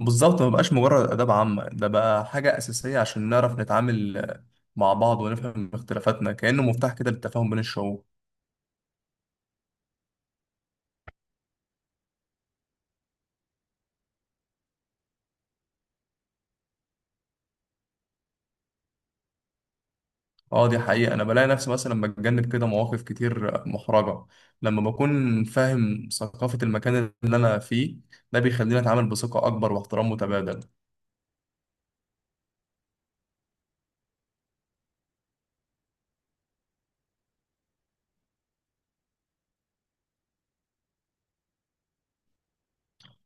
بالظبط ما بقاش مجرد آداب عامة، ده بقى حاجة أساسية عشان نعرف نتعامل مع بعض ونفهم اختلافاتنا، كأنه مفتاح كده للتفاهم بين الشعوب. اه، دي حقيقة. أنا بلاقي نفسي مثلا بتجنب كده مواقف كتير محرجة لما بكون فاهم ثقافة المكان اللي أنا فيه. ده بيخليني أتعامل بثقة أكبر واحترام متبادل.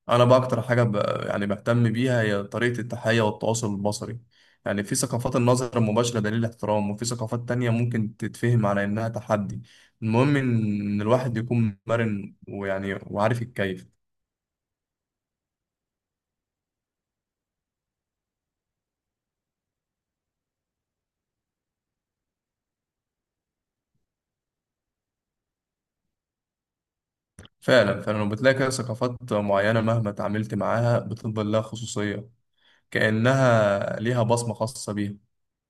انا بقى اكتر حاجه يعني بهتم بيها هي طريقه التحيه والتواصل البصري. يعني في ثقافات النظر المباشره دليل احترام، وفي ثقافات تانية ممكن تتفهم على انها تحدي. المهم ان إن الواحد يكون مرن ويعني وعارف يتكيف. فعلا فعلا، وبتلاقي كده ثقافات معينه مهما تعاملت معاها بتفضل لها خصوصيه، كانها ليها بصمه خاصه بيها.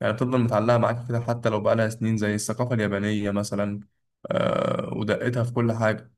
يعني بتفضل متعلقة معاك كده حتى لو بقالها سنين، زي الثقافة اليابانية مثلا ودقتها في كل حاجة.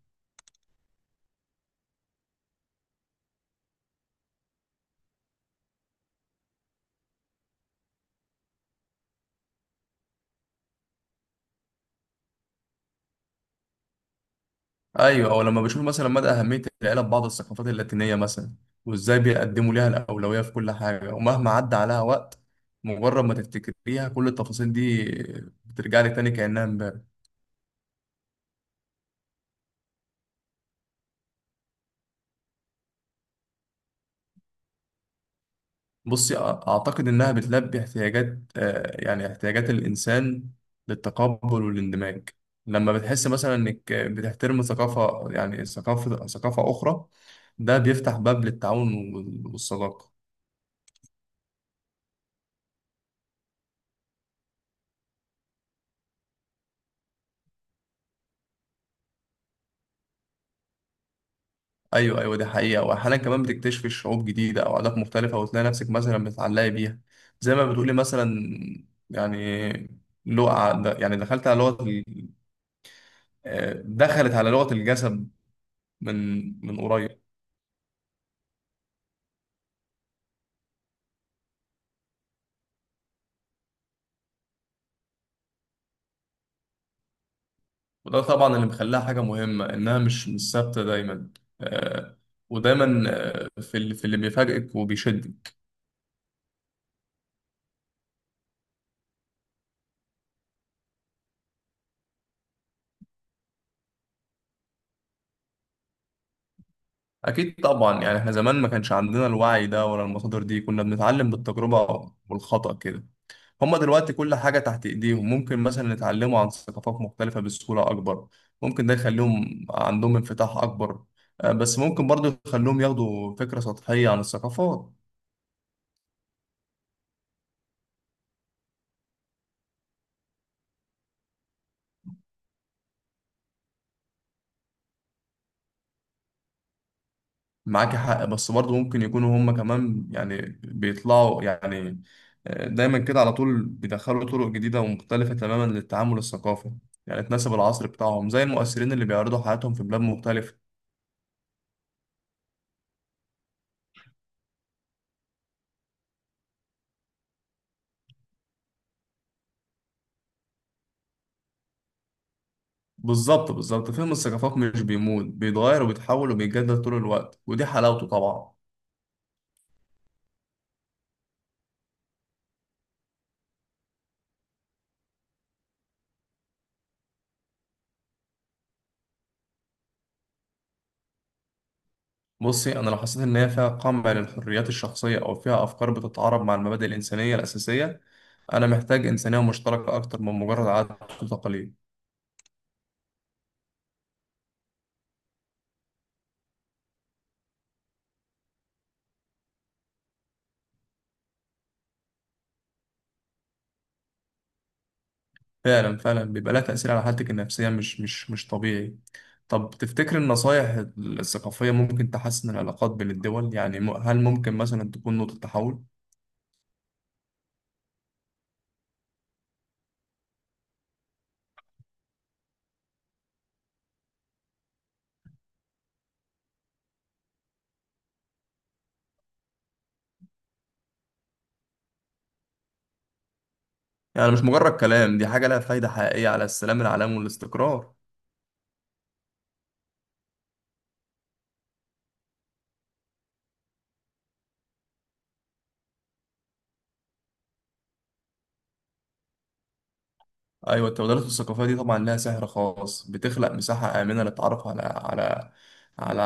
ايوه، او لما بشوف مثلا مدى اهميه العيله في بعض الثقافات اللاتينيه مثلا، وازاي بيقدموا ليها الاولويه في كل حاجه. ومهما عدى عليها وقت، مجرد ما تفتكريها كل التفاصيل دي بترجع لك تاني كانها امبارح. بصي، اعتقد انها بتلبي احتياجات، يعني احتياجات الانسان للتقبل والاندماج. لما بتحس مثلا انك بتحترم ثقافه، يعني ثقافه اخرى، ده بيفتح باب للتعاون وال- والصداقه. ايوه ايوه، دي حقيقه. واحيانا كمان بتكتشفي شعوب جديده او عادات مختلفه وتلاقي نفسك مثلا بتتعلقي بيها، زي ما بتقولي مثلا. يعني لغه، يعني دخلت على دخلت على لغه الجسد من من قريب. وده طبعا اللي مخليها حاجه مهمه، انها مش ثابته دايما. آه، ودايما في اللي بيفاجئك وبيشدك. اكيد طبعا، يعني احنا زمان ما كانش عندنا الوعي ده ولا المصادر دي. كنا بنتعلم بالتجربه والخطأ كده. هما دلوقتي كل حاجة تحت إيديهم، ممكن مثلا يتعلموا عن ثقافات مختلفة بسهولة أكبر. ممكن ده يخليهم عندهم انفتاح أكبر، بس ممكن برضو يخليهم ياخدوا فكرة سطحية عن الثقافات. معاك حق، بس برضو ممكن يكونوا هما كمان يعني بيطلعوا دايما كده على طول بيدخلوا طرق جديدة ومختلفة تماما للتعامل الثقافي، يعني تناسب العصر بتاعهم، زي المؤثرين اللي بيعرضوا حياتهم في بلاد مختلفة. بالظبط بالظبط. فهم الثقافات مش بيموت، بيتغير وبيتحول وبيتجدد طول الوقت، ودي حلاوته طبعا. بصي، انا لو حسيت ان هي فيها قمع للحريات الشخصيه، او فيها افكار بتتعارض مع المبادئ الانسانيه الاساسيه، انا محتاج انسانيه مشتركه اكتر من مجرد عادات وتقاليد. فعلا فعلا، بيبقى لها تاثير على حالتك النفسيه مش طبيعي. طب تفتكر النصايح الثقافيه ممكن تحسن العلاقات بين الدول؟ يعني هل ممكن مثلا تكون نقطه تحول؟ يعني مش مجرد كلام، دي حاجه لها فايده حقيقيه على السلام العالمي والاستقرار. ايوه، التبادلات الثقافيه دي طبعا لها سحر خاص. بتخلق مساحه امنه للتعرف على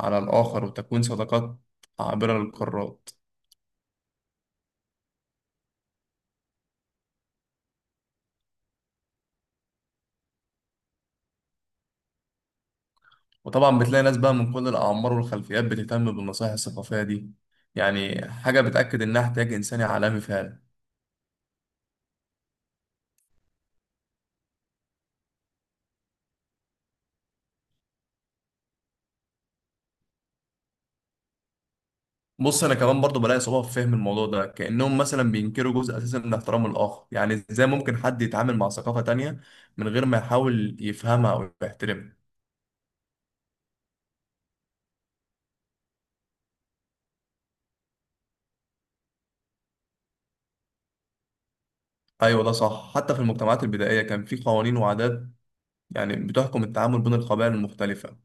على الاخر وتكوين صداقات عابره للقارات. وطبعا بتلاقي ناس بقى من كل الاعمار والخلفيات بتهتم بالنصائح الثقافيه دي، يعني حاجه بتاكد انها احتياج انساني عالمي فعلا. بص، انا كمان برضو بلاقي صعوبه في فهم الموضوع ده. كانهم مثلا بينكروا جزء اساسي من احترام الاخر. يعني ازاي ممكن حد يتعامل مع ثقافه تانية من غير ما يحاول يفهمها او يحترمها؟ ايوه ده صح، حتى في المجتمعات البدائيه كان في قوانين وعادات يعني بتحكم التعامل بين القبائل المختلفه.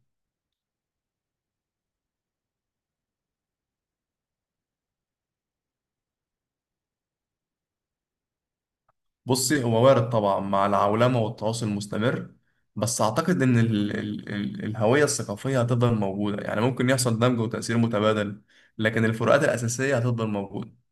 بصي، هو وارد طبعا مع العولمه والتواصل المستمر، بس اعتقد ان ال الهويه الثقافيه هتفضل موجوده. يعني ممكن يحصل دمج وتاثير متبادل، لكن الفروقات الاساسيه هتفضل موجوده.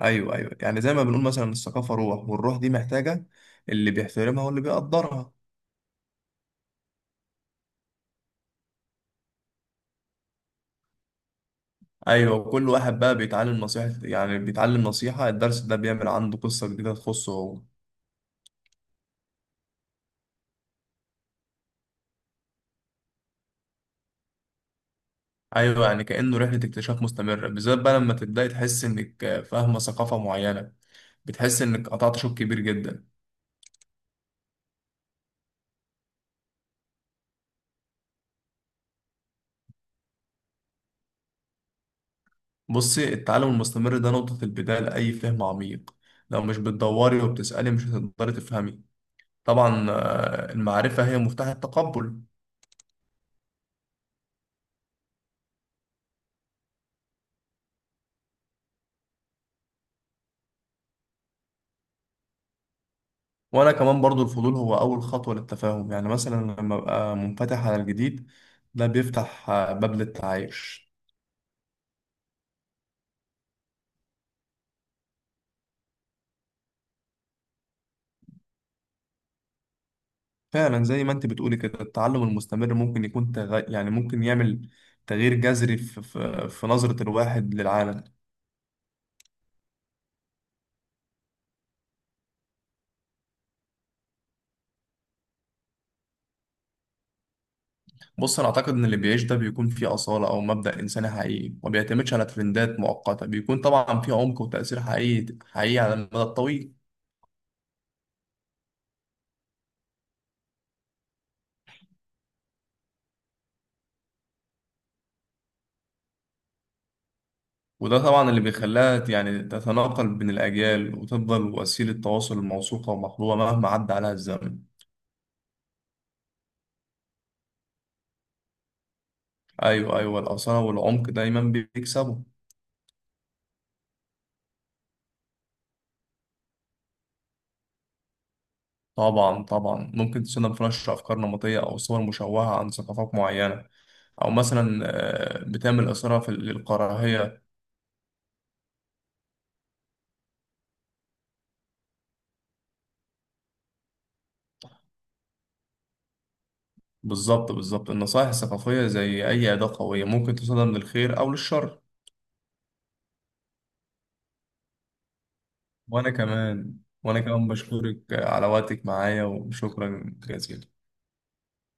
ايوه ايوه، يعني زي ما بنقول مثلا الثقافه روح، والروح دي محتاجه اللي بيحترمها واللي بيقدرها. ايوه، كل واحد بقى بيتعلم نصيحه، يعني بيتعلم الدرس ده بيعمل عنده قصه جديده تخصه هو. ايوه، يعني كانه رحله اكتشاف مستمره. بالذات بقى لما تبداي تحس انك فاهمه ثقافه معينه، بتحس انك قطعت شوط كبير جدا. بصي، التعلم المستمر ده نقطه البدايه لاي فهم عميق. لو مش بتدوري وبتسالي مش هتقدري تفهمي طبعا. المعرفه هي مفتاح التقبل. وانا كمان برضو، الفضول هو اول خطوه للتفاهم. يعني مثلا لما ابقى منفتح على الجديد، ده بيفتح باب للتعايش. فعلا، زي ما انت بتقولي كده التعلم المستمر ممكن يعني ممكن يعمل تغيير جذري في نظرة الواحد للعالم. بص، انا اعتقد ان اللي بيعيش ده بيكون فيه أصالة او مبدأ انساني حقيقي، ما بيعتمدش على ترندات مؤقتة. بيكون طبعا فيه عمق وتأثير حقيقي على المدى الطويل. وده طبعا اللي بيخليها يعني تتناقل بين الأجيال وتفضل وسيلة تواصل موثوقة ومحبوبة مهما عدى عليها الزمن. أيوه أيوه، الأصالة والعمق دايما بيكسبوا. طبعا طبعا، ممكن تستخدم في نشر أفكار نمطية أو صور مشوهة عن ثقافات معينة، أو مثلا بتعمل إثارة في للكراهية. بالظبط بالظبط، النصائح الثقافية زي أي أداة قوية ممكن تستخدم للخير أو للشر. وأنا كمان، وأنا كمان بشكرك على وقتك معايا، وشكرا جزيلا.